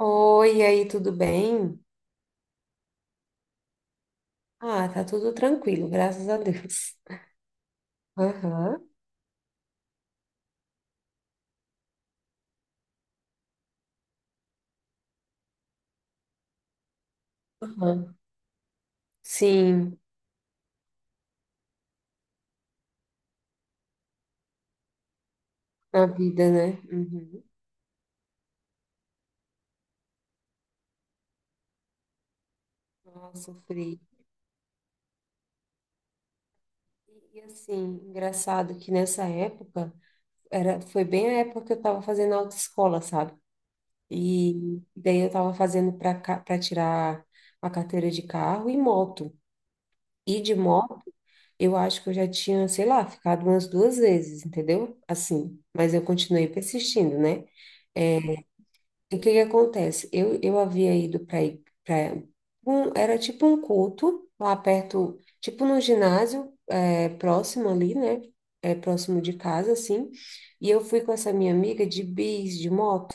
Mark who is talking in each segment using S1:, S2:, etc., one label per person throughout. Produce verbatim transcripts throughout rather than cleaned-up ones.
S1: Oi, e aí, tudo bem? Ah, tá tudo tranquilo, graças a Deus. Aham, aham. Sim, na vida, né? Uhum. Ah, sofri. E, assim, engraçado que nessa época, era, foi bem a época que eu tava fazendo autoescola, sabe? E daí eu tava fazendo para para tirar a carteira de carro e moto. E de moto, eu acho que eu já tinha, sei lá, ficado umas duas vezes, entendeu? Assim, mas eu continuei persistindo, né? E o que que acontece? Eu, eu havia ido para para um, era tipo um culto lá perto, tipo num ginásio é, próximo ali, né? É, próximo de casa, assim. E eu fui com essa minha amiga de bis, de moto,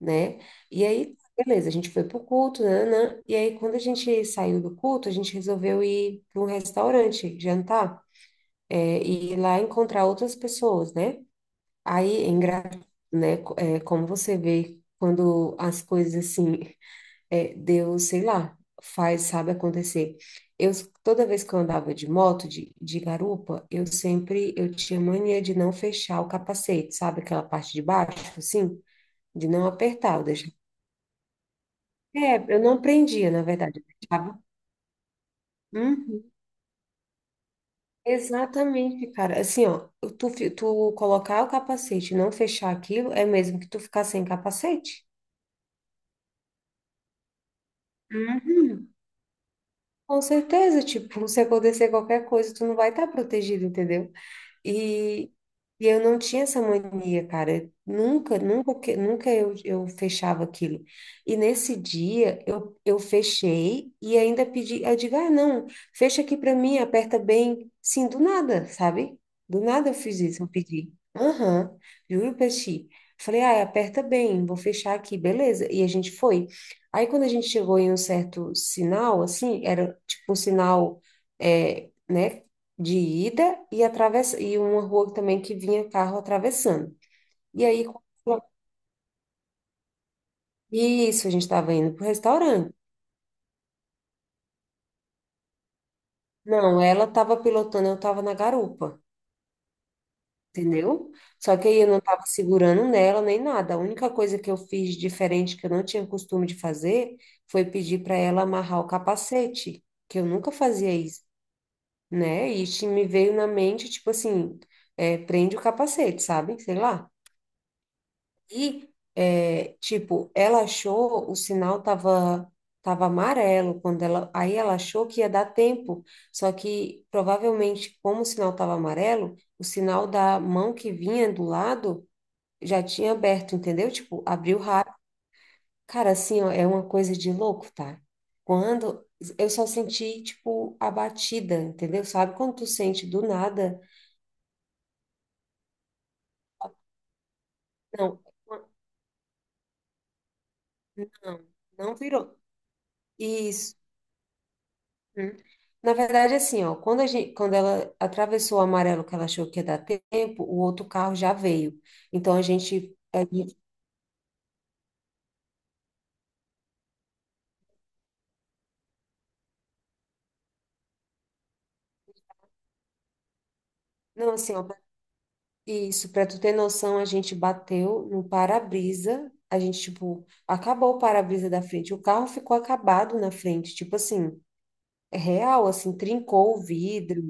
S1: né? E aí, beleza, a gente foi pro culto, né, né? E aí, quando a gente saiu do culto, a gente resolveu ir para um restaurante jantar, é, e ir lá encontrar outras pessoas, né? Aí, é engra... né? co- é, como você vê quando as coisas assim, é, Deus, sei lá, faz, sabe acontecer. Eu, Toda vez que eu andava de moto, de, de garupa, eu sempre, eu tinha mania de não fechar o capacete, sabe? Aquela parte de baixo, assim, de não apertar, eu deixava. É, eu não prendia, na verdade, eu deixava. Uhum. Exatamente, cara. Assim, ó, tu, fi- tu colocar o capacete e não fechar aquilo, é mesmo que tu ficar sem capacete. Uhum. Com certeza, tipo, se acontecer qualquer coisa, tu não vai estar protegido, entendeu? E, e eu não tinha essa mania, cara. Nunca, nunca, que- nunca eu, eu fechava aquilo. E nesse dia eu, eu fechei e ainda pedi, eu digo, ah, não, fecha aqui para mim, aperta bem. Sim, do nada, sabe? Do nada eu fiz isso, eu pedi. Aham, juro pra ti. Falei, ah, aperta bem, vou fechar aqui, beleza. E a gente foi. Aí quando a gente chegou em um certo sinal, assim, era tipo um sinal, é, né? De ida e atravessa e uma rua também que vinha carro atravessando. E aí quando ela- isso, a gente estava indo pro restaurante. Não, ela estava pilotando, eu estava na garupa, entendeu? Só que aí eu não estava segurando nela nem nada. A única coisa que eu fiz diferente que eu não tinha costume de fazer foi pedir para ela amarrar o capacete, que eu nunca fazia isso, né? E isso me veio na mente, tipo assim, é, prende o capacete, sabe? Sei lá. E, é, tipo, ela achou, o sinal tava, tava amarelo quando ela, aí ela achou que ia dar tempo, só que provavelmente, como o sinal tava amarelo, o sinal da mão que vinha do lado já tinha aberto, entendeu? Tipo, abriu rápido. Cara, assim, ó, é uma coisa de louco, tá? Quando eu só senti, tipo, a batida, entendeu? Sabe quando tu sente do nada? Não, não, não virou. Isso. Hum. Na verdade, assim, ó, quando a gente, quando ela atravessou o amarelo que ela achou que ia dar tempo, o outro carro já veio. Então a gente, a gente- não, assim, ó, pra- isso, para tu ter noção, a gente bateu no para-brisa, a gente, tipo, acabou o para-brisa da frente, o carro ficou acabado na frente, tipo assim, é real, assim, trincou o vidro,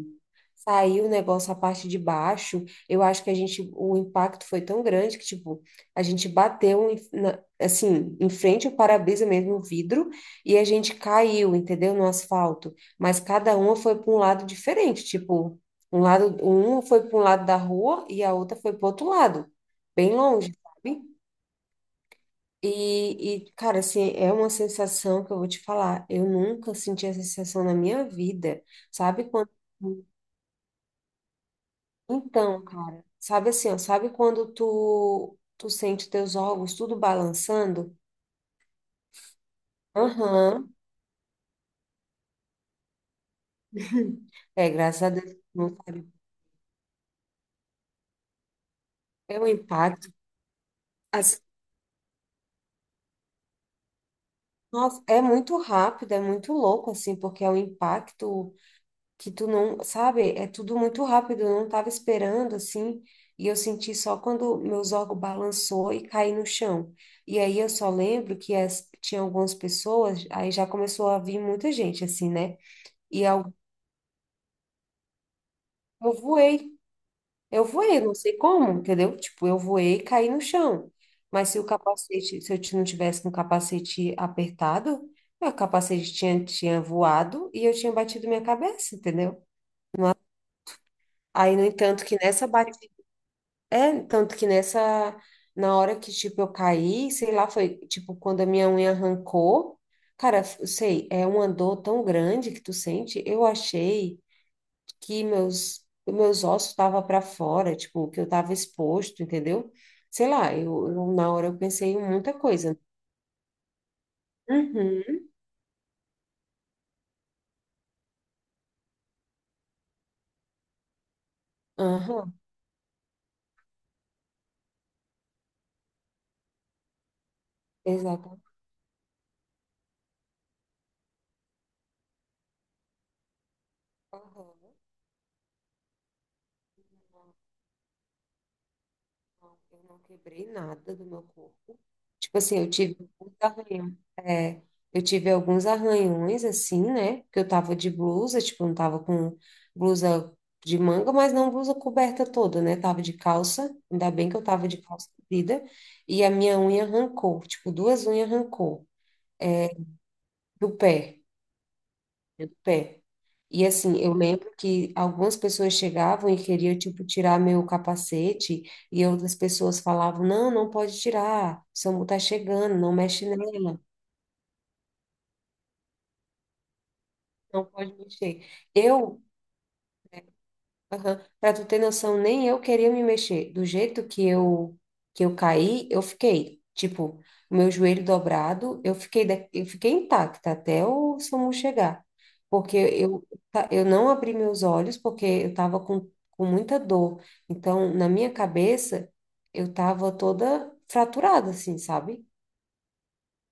S1: saiu o negócio a parte de baixo. Eu acho que a gente, o impacto foi tão grande que, tipo, a gente bateu, em- na- assim, em frente ao para-brisa mesmo, o vidro, e a gente caiu, entendeu? No asfalto. Mas cada uma foi para um lado diferente, tipo, um lado, uma foi para um lado da rua e a outra foi para outro lado, bem longe, sabe? E, e, cara, assim, é uma sensação que eu vou te falar. Eu nunca senti essa sensação na minha vida. Sabe quando. Então, cara, sabe assim, ó, sabe quando tu, tu sente teus órgãos tudo balançando? Aham. É, graças a Deus, não, cara. É um impacto. Assim, nossa, é muito rápido, é muito louco, assim, porque é um impacto. Que tu não, sabe, é tudo muito rápido, eu não tava esperando assim, e eu senti só quando meus órgãos balançou e caí no chão. E aí eu só lembro que as, tinha algumas pessoas, aí já começou a vir muita gente assim, né? E eu, eu voei, eu voei, não sei como, entendeu? Tipo, eu voei e caí no chão. Mas se o capacete, se eu ti- não tivesse com o capacete apertado, meu capacete tinha, tinha voado e eu tinha batido minha cabeça, entendeu? Aí, no entanto, que nessa batida é, tanto que nessa, na hora que, tipo, eu caí, sei lá, foi, tipo, quando a minha unha arrancou, cara, eu sei, é uma dor tão grande que tu sente, eu achei que meus, meus ossos estavam para fora, tipo, que eu tava exposto, entendeu? Sei lá, eu, eu- na hora eu pensei em muita coisa. Uhum, aham, exato. Aham. Não, eu não quebrei nada do meu corpo. Tipo assim, eu tive alguns arranhões. É, eu tive alguns arranhões, assim, né? Porque eu tava de blusa, tipo, não tava com blusa de manga, mas não blusa coberta toda, né? Tava de calça, ainda bem que eu tava de calça comprida. E a minha unha arrancou, tipo, duas unhas arrancou do pé. É do pé. E assim, eu lembro que algumas pessoas chegavam e queriam, tipo, tirar meu capacete, e outras pessoas falavam, não, não pode tirar, o SAMU tá chegando, não mexe nela, não pode mexer. Eu Aham. Pra tu ter noção, nem eu queria me mexer. Do jeito que eu que eu caí, eu fiquei, tipo, o meu joelho dobrado, eu fiquei da- eu fiquei intacta até o SAMU chegar. Porque eu tá, eu não abri meus olhos porque eu tava com com muita dor. Então, na minha cabeça, eu tava toda fraturada assim, sabe?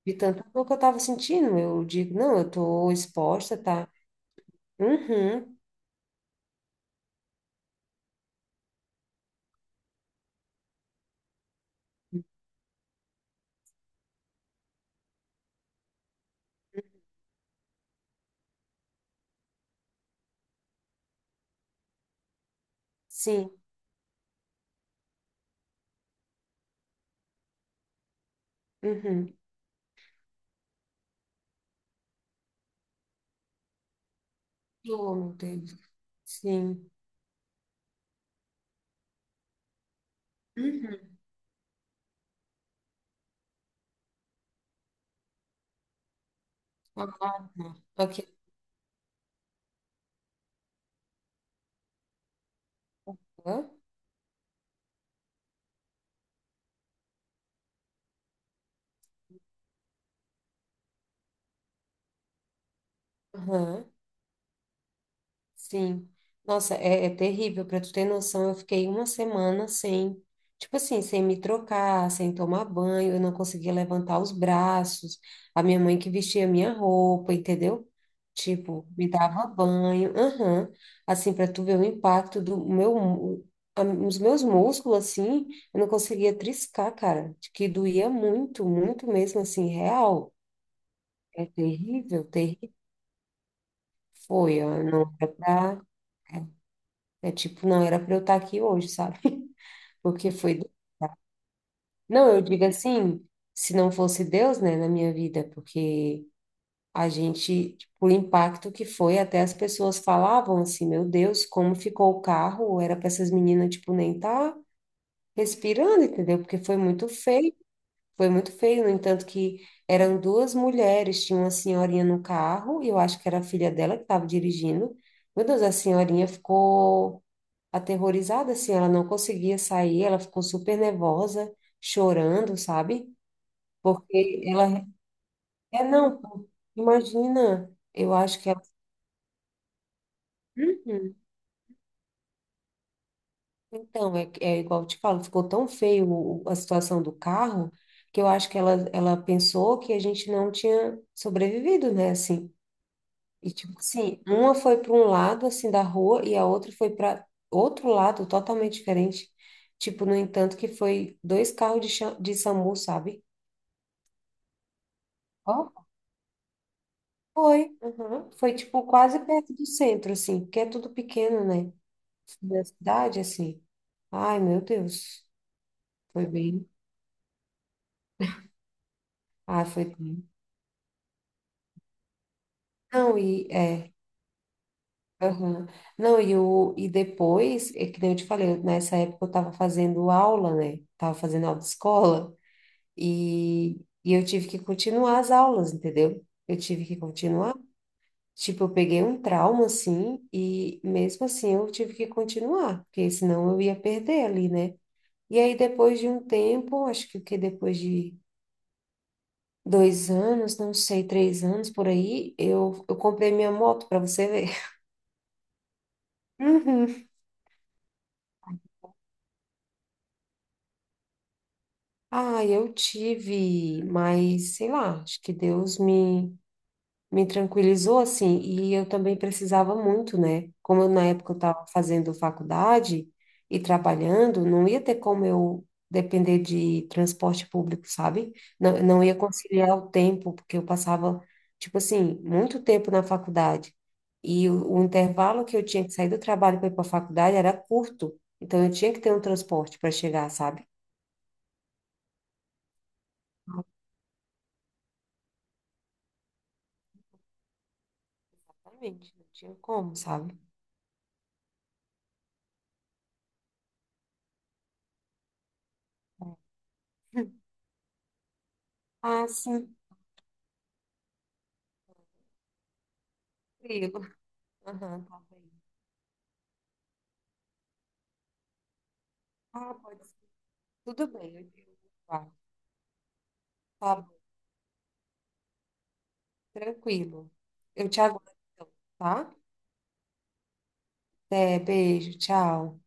S1: De tanta dor que eu tava sentindo, eu digo, não, eu tô exposta, tá? Uhum. Sim. Uhum. Oh, meu Deus. Sim. Uhum. Ah, tá. Ok. Aham. Sim. Nossa, é, é terrível. Para tu ter noção, eu fiquei uma semana sem, tipo assim, sem me trocar, sem tomar banho, eu não conseguia levantar os braços. A minha mãe que vestia a minha roupa, entendeu? Tipo, me dava banho. Aham. Assim, para tu ver o impacto do meu, mu- a- os meus músculos, assim, eu não conseguia triscar, cara. De Que doía muito, muito mesmo, assim, real. É terrível, terrível. Foi, ó, não era pra. É tipo, não era para eu estar aqui hoje, sabe? Porque foi. Não, eu digo assim, se não fosse Deus, né, na minha vida, porque a gente, tipo, o impacto que foi, até as pessoas falavam assim, meu Deus, como ficou o carro? Era para essas meninas, tipo, nem tá respirando, entendeu? Porque foi muito feio, foi muito feio. No entanto, que eram duas mulheres, tinha uma senhorinha no carro, e eu acho que era a filha dela que estava dirigindo. Meu Deus, a senhorinha ficou aterrorizada, assim, ela não conseguia sair, ela ficou super nervosa, chorando, sabe? Porque ela, é não, pô, imagina, eu acho que ela, Uhum. Então, é, é igual eu te falo, ficou tão feio o- a situação do carro, que eu acho que ela, ela pensou que a gente não tinha sobrevivido, né, assim, e tipo assim, uma foi para um lado, assim, da rua, e a outra foi para outro lado, totalmente diferente, tipo, no entanto, que foi dois carros de, cha- de SAMU, sabe? Ó, foi. Uhum. Foi, tipo, quase perto do centro, assim, porque é tudo pequeno, né? Da cidade, assim. Ai, meu Deus. Foi bem. Ah, foi bem. Não, e é. Aham. Não, e, o, e depois, é que nem eu te falei, eu- nessa época eu tava fazendo aula, né? Tava fazendo aula de escola e, e eu tive que continuar as aulas, entendeu? Eu tive que continuar. Tipo, eu peguei um trauma, assim, e mesmo assim eu tive que continuar, porque senão eu ia perder ali, né? E aí, depois de um tempo, acho que, o que depois de dois anos, não sei, três anos por aí, eu, eu comprei minha moto para você ver. Uhum. Ah, eu tive, mas sei lá, acho que Deus me me tranquilizou assim, e eu também precisava muito, né? Como eu, na época eu estava fazendo faculdade e trabalhando, não ia ter como eu depender de transporte público, sabe? Não, não ia conciliar o tempo, porque eu passava, tipo assim, muito tempo na faculdade. E o, o intervalo que eu tinha que sair do trabalho para ir para a faculdade era curto. Então eu tinha que ter um transporte para chegar, sabe? Exatamente, não tinha como, sabe? É. Ah, sim, tranquilo. Aham, tá bem. Ah, pode ser. Tudo bem, eu digo. Tá, tá bom, tranquilo. Eu te aguardo, então, tá? Até, beijo, tchau.